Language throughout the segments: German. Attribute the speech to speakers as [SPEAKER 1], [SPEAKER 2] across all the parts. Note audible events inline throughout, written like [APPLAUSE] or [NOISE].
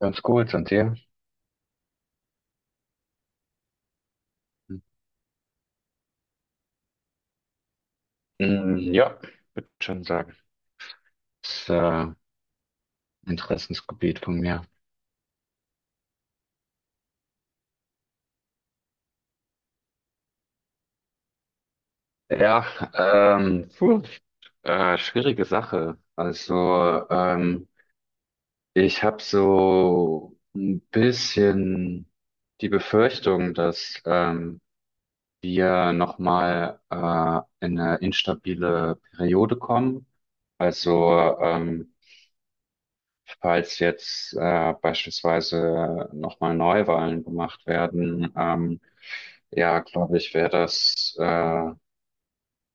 [SPEAKER 1] Ganz gut, und dir? Mm, ja, würde schon sagen. Das ist Interessensgebiet von mir. Ja, puh, schwierige Sache. Also, ich habe so ein bisschen die Befürchtung, dass wir nochmal in eine instabile Periode kommen. Also, falls jetzt beispielsweise nochmal Neuwahlen gemacht werden, ja, glaube ich, wäre das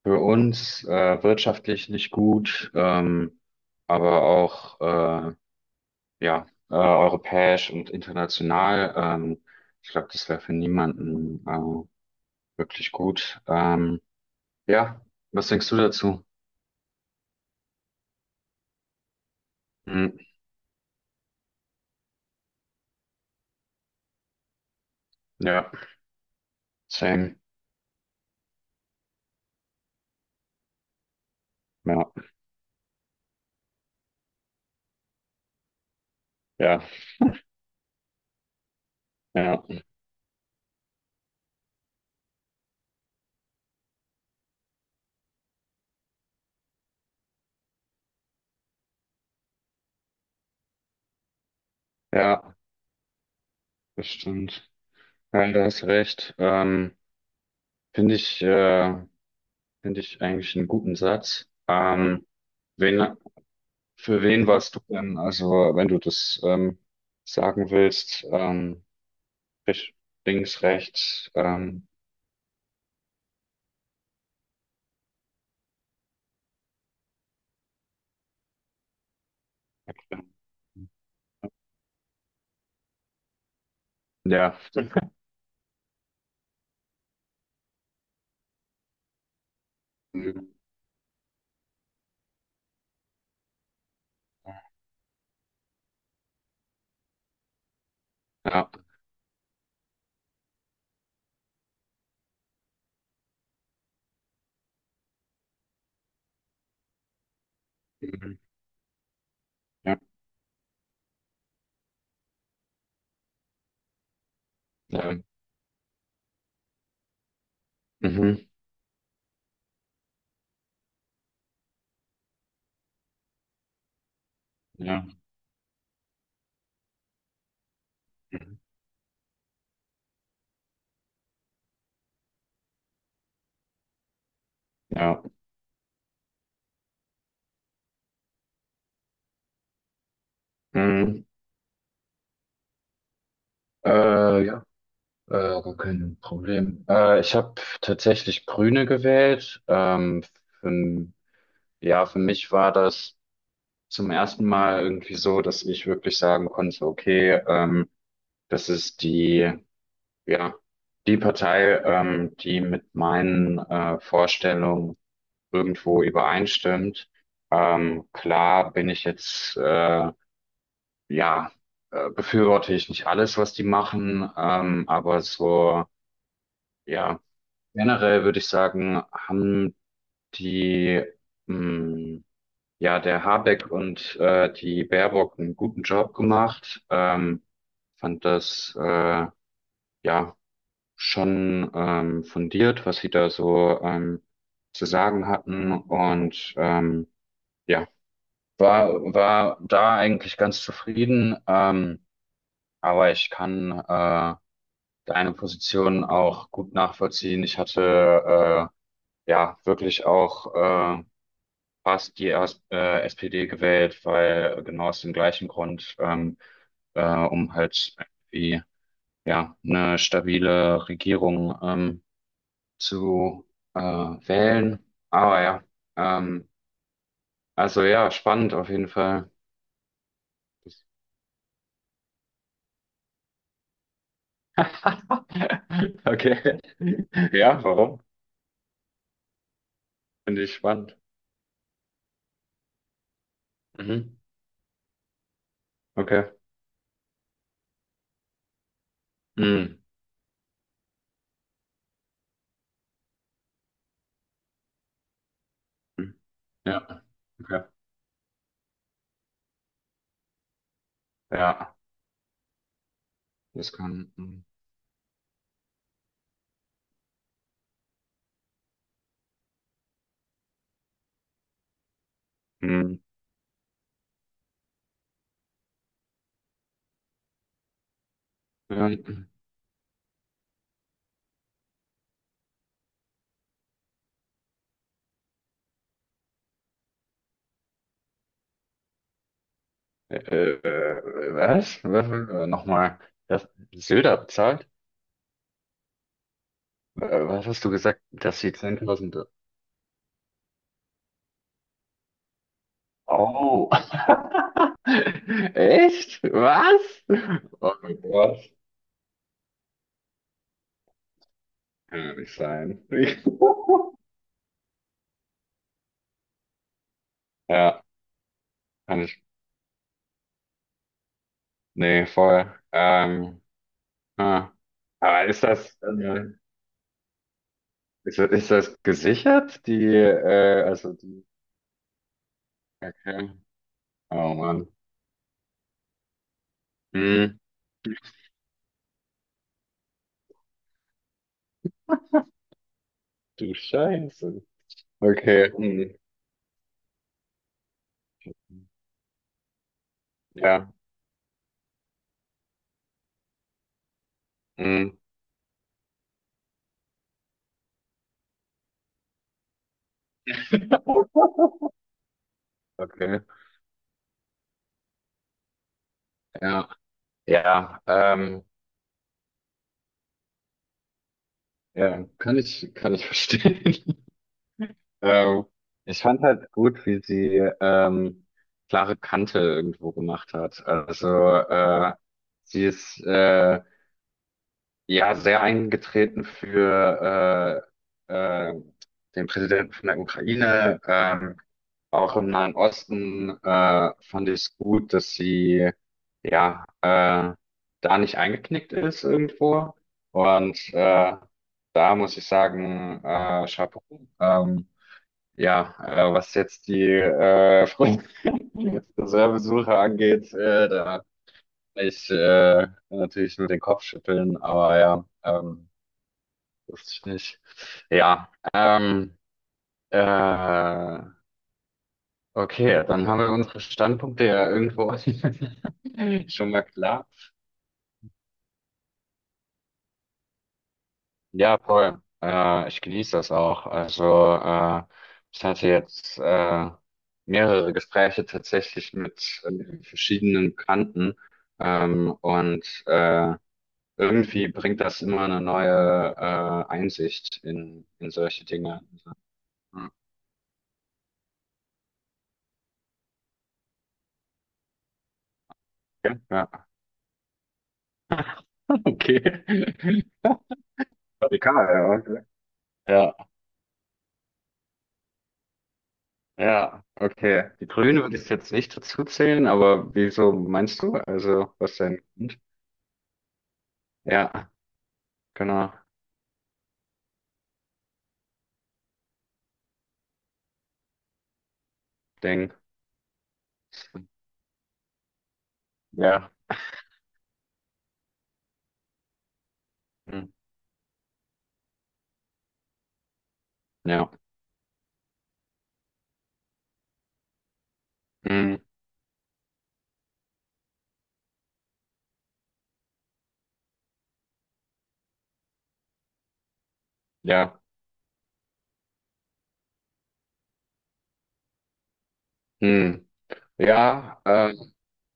[SPEAKER 1] für uns wirtschaftlich nicht gut, aber auch ja, europäisch und international. Ich glaube, das wäre für niemanden wirklich gut. Ja, was denkst du dazu? Hm, ja, same. Ja, ja, ja, ja, bestimmt. Nein, du hast recht. Finde ich, äh, finde ich eigentlich einen guten Satz. Wen, für wen warst du denn, also wenn du das sagen willst, rech- links, rechts, ja, mhm, ja, mhm, ja, ja, mhm, ja, mhm, ja, mhm. Ja, äh, gar kein Problem. Ich habe tatsächlich Grüne gewählt. Für Ja, für mich war das zum ersten Mal irgendwie so, dass ich wirklich sagen konnte, okay, das ist die, ja, die Partei, die mit meinen Vorstellungen irgendwo übereinstimmt. Klar bin ich jetzt, ja, befürworte ich nicht alles, was die machen, aber so, ja, generell würde ich sagen, haben die, mh, Ja, der Habeck und die Baerbock einen guten Job gemacht. Fand das ja schon fundiert, was sie da so zu sagen hatten. Und ja, war da eigentlich ganz zufrieden. Aber ich kann deine Position auch gut nachvollziehen. Ich hatte ja wirklich auch äh, hast die erst, SPD gewählt, weil genau aus dem gleichen Grund, äh, um halt irgendwie ja, eine stabile Regierung zu wählen. Aber ja, ähm, also ja, spannend auf jeden Fall. Okay. [LAUGHS] Ja, warum? Finde ich spannend. Mhm. Okay. Mhm. Ja, okay. Ja, das kann. Mhm. Ja. Äh, äh, Was? Was? Nochmal, das Söder bezahlt? Was hast du gesagt, dass sie 10.000... Oh! [LAUGHS] Echt? Was? Oh mein Gott. Kann ja nicht sein. [LAUGHS] Ja, kann ich... Nee, voll. Ah. Aber ist das ist das gesichert? Okay. Oh Mann. Hm. Du Scheiße. Okay. Hm. Ja. Hm. Okay. Ja, ja, ja, kann ich verstehen. [LAUGHS] Ähm, Ich fand halt gut, wie sie ähm, klare Kante irgendwo gemacht hat. Also äh, sie ist ja sehr eingetreten für äh, äh, den Präsidenten von der Ukraine. Auch im Nahen Osten fand ich es gut, dass sie ja da nicht eingeknickt ist irgendwo. Und da muss ich sagen, Chapeau. Ähm, ja, was jetzt die [LAUGHS] Friedensreservesuche angeht, da kann ich natürlich nur den Kopf schütteln, aber ja, wusste ich nicht. Ja, äh, okay, dann haben wir unsere Standpunkte ja irgendwo [LAUGHS] schon mal klar. Ja, voll. Ich genieße das auch. Also, äh, ich hatte jetzt mehrere Gespräche tatsächlich mit, verschiedenen Bekannten. Und irgendwie bringt das immer eine neue Einsicht in solche Dinge. Also, ja, ja, [LAUGHS] okay. Radikal, ja. Okay. Ja, ja, okay. Die Grünen würde ich jetzt nicht dazu zählen, aber wieso meinst du? Also, was denn? Ja, genau. Ding. Ja. Hm. Ja. Hm. Ja. Hm. Ja, äh,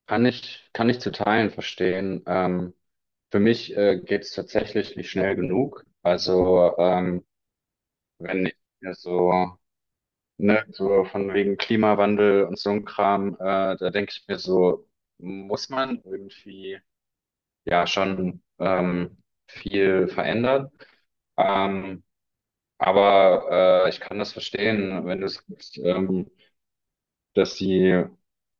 [SPEAKER 1] kann ich, kann ich zu Teilen verstehen. Für mich geht es tatsächlich nicht schnell genug. Also wenn ich mir so, ne, so von wegen Klimawandel und so ein Kram, da denke ich mir so, muss man irgendwie ja schon viel verändern. Ähm, Aber ich kann das verstehen, wenn du sagst, dass sie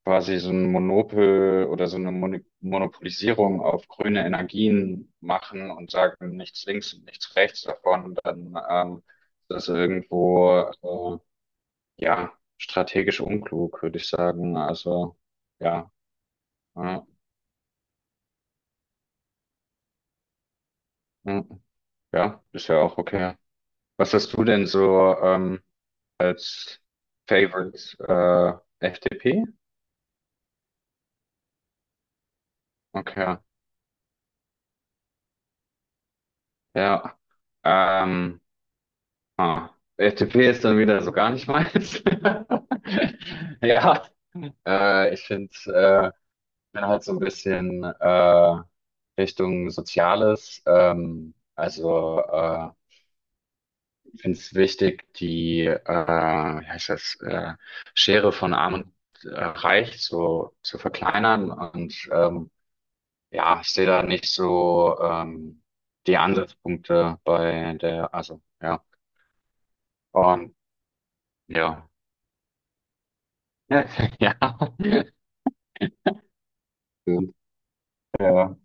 [SPEAKER 1] quasi so ein Monopol oder so eine Monopolisierung auf grüne Energien machen und sagen, nichts links und nichts rechts davon, dann ist das irgendwo ja strategisch unklug, würde ich sagen. Also ja, äh, mh, ja, ist ja auch okay. Was hast du denn so als Favorite FDP? Okay. Ja, ähm, ah, FDP ist dann wieder so gar nicht meins. [LAUGHS] Ja, äh, ich finde, äh, bin halt so ein bisschen Richtung Soziales. Also finde es wichtig, die, wie heißt das, Schere von Arm und Reich so zu verkleinern. Und ja, ich sehe da nicht so die Ansatzpunkte bei der, also ja. Und ja. Ja. [LAUGHS] Ja. Stimmt. Ja.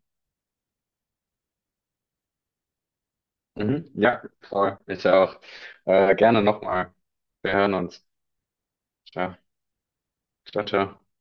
[SPEAKER 1] Mhm. Ja, voll. Ich auch. Gerne nochmal. Wir hören uns. Ja, ciao, ciao.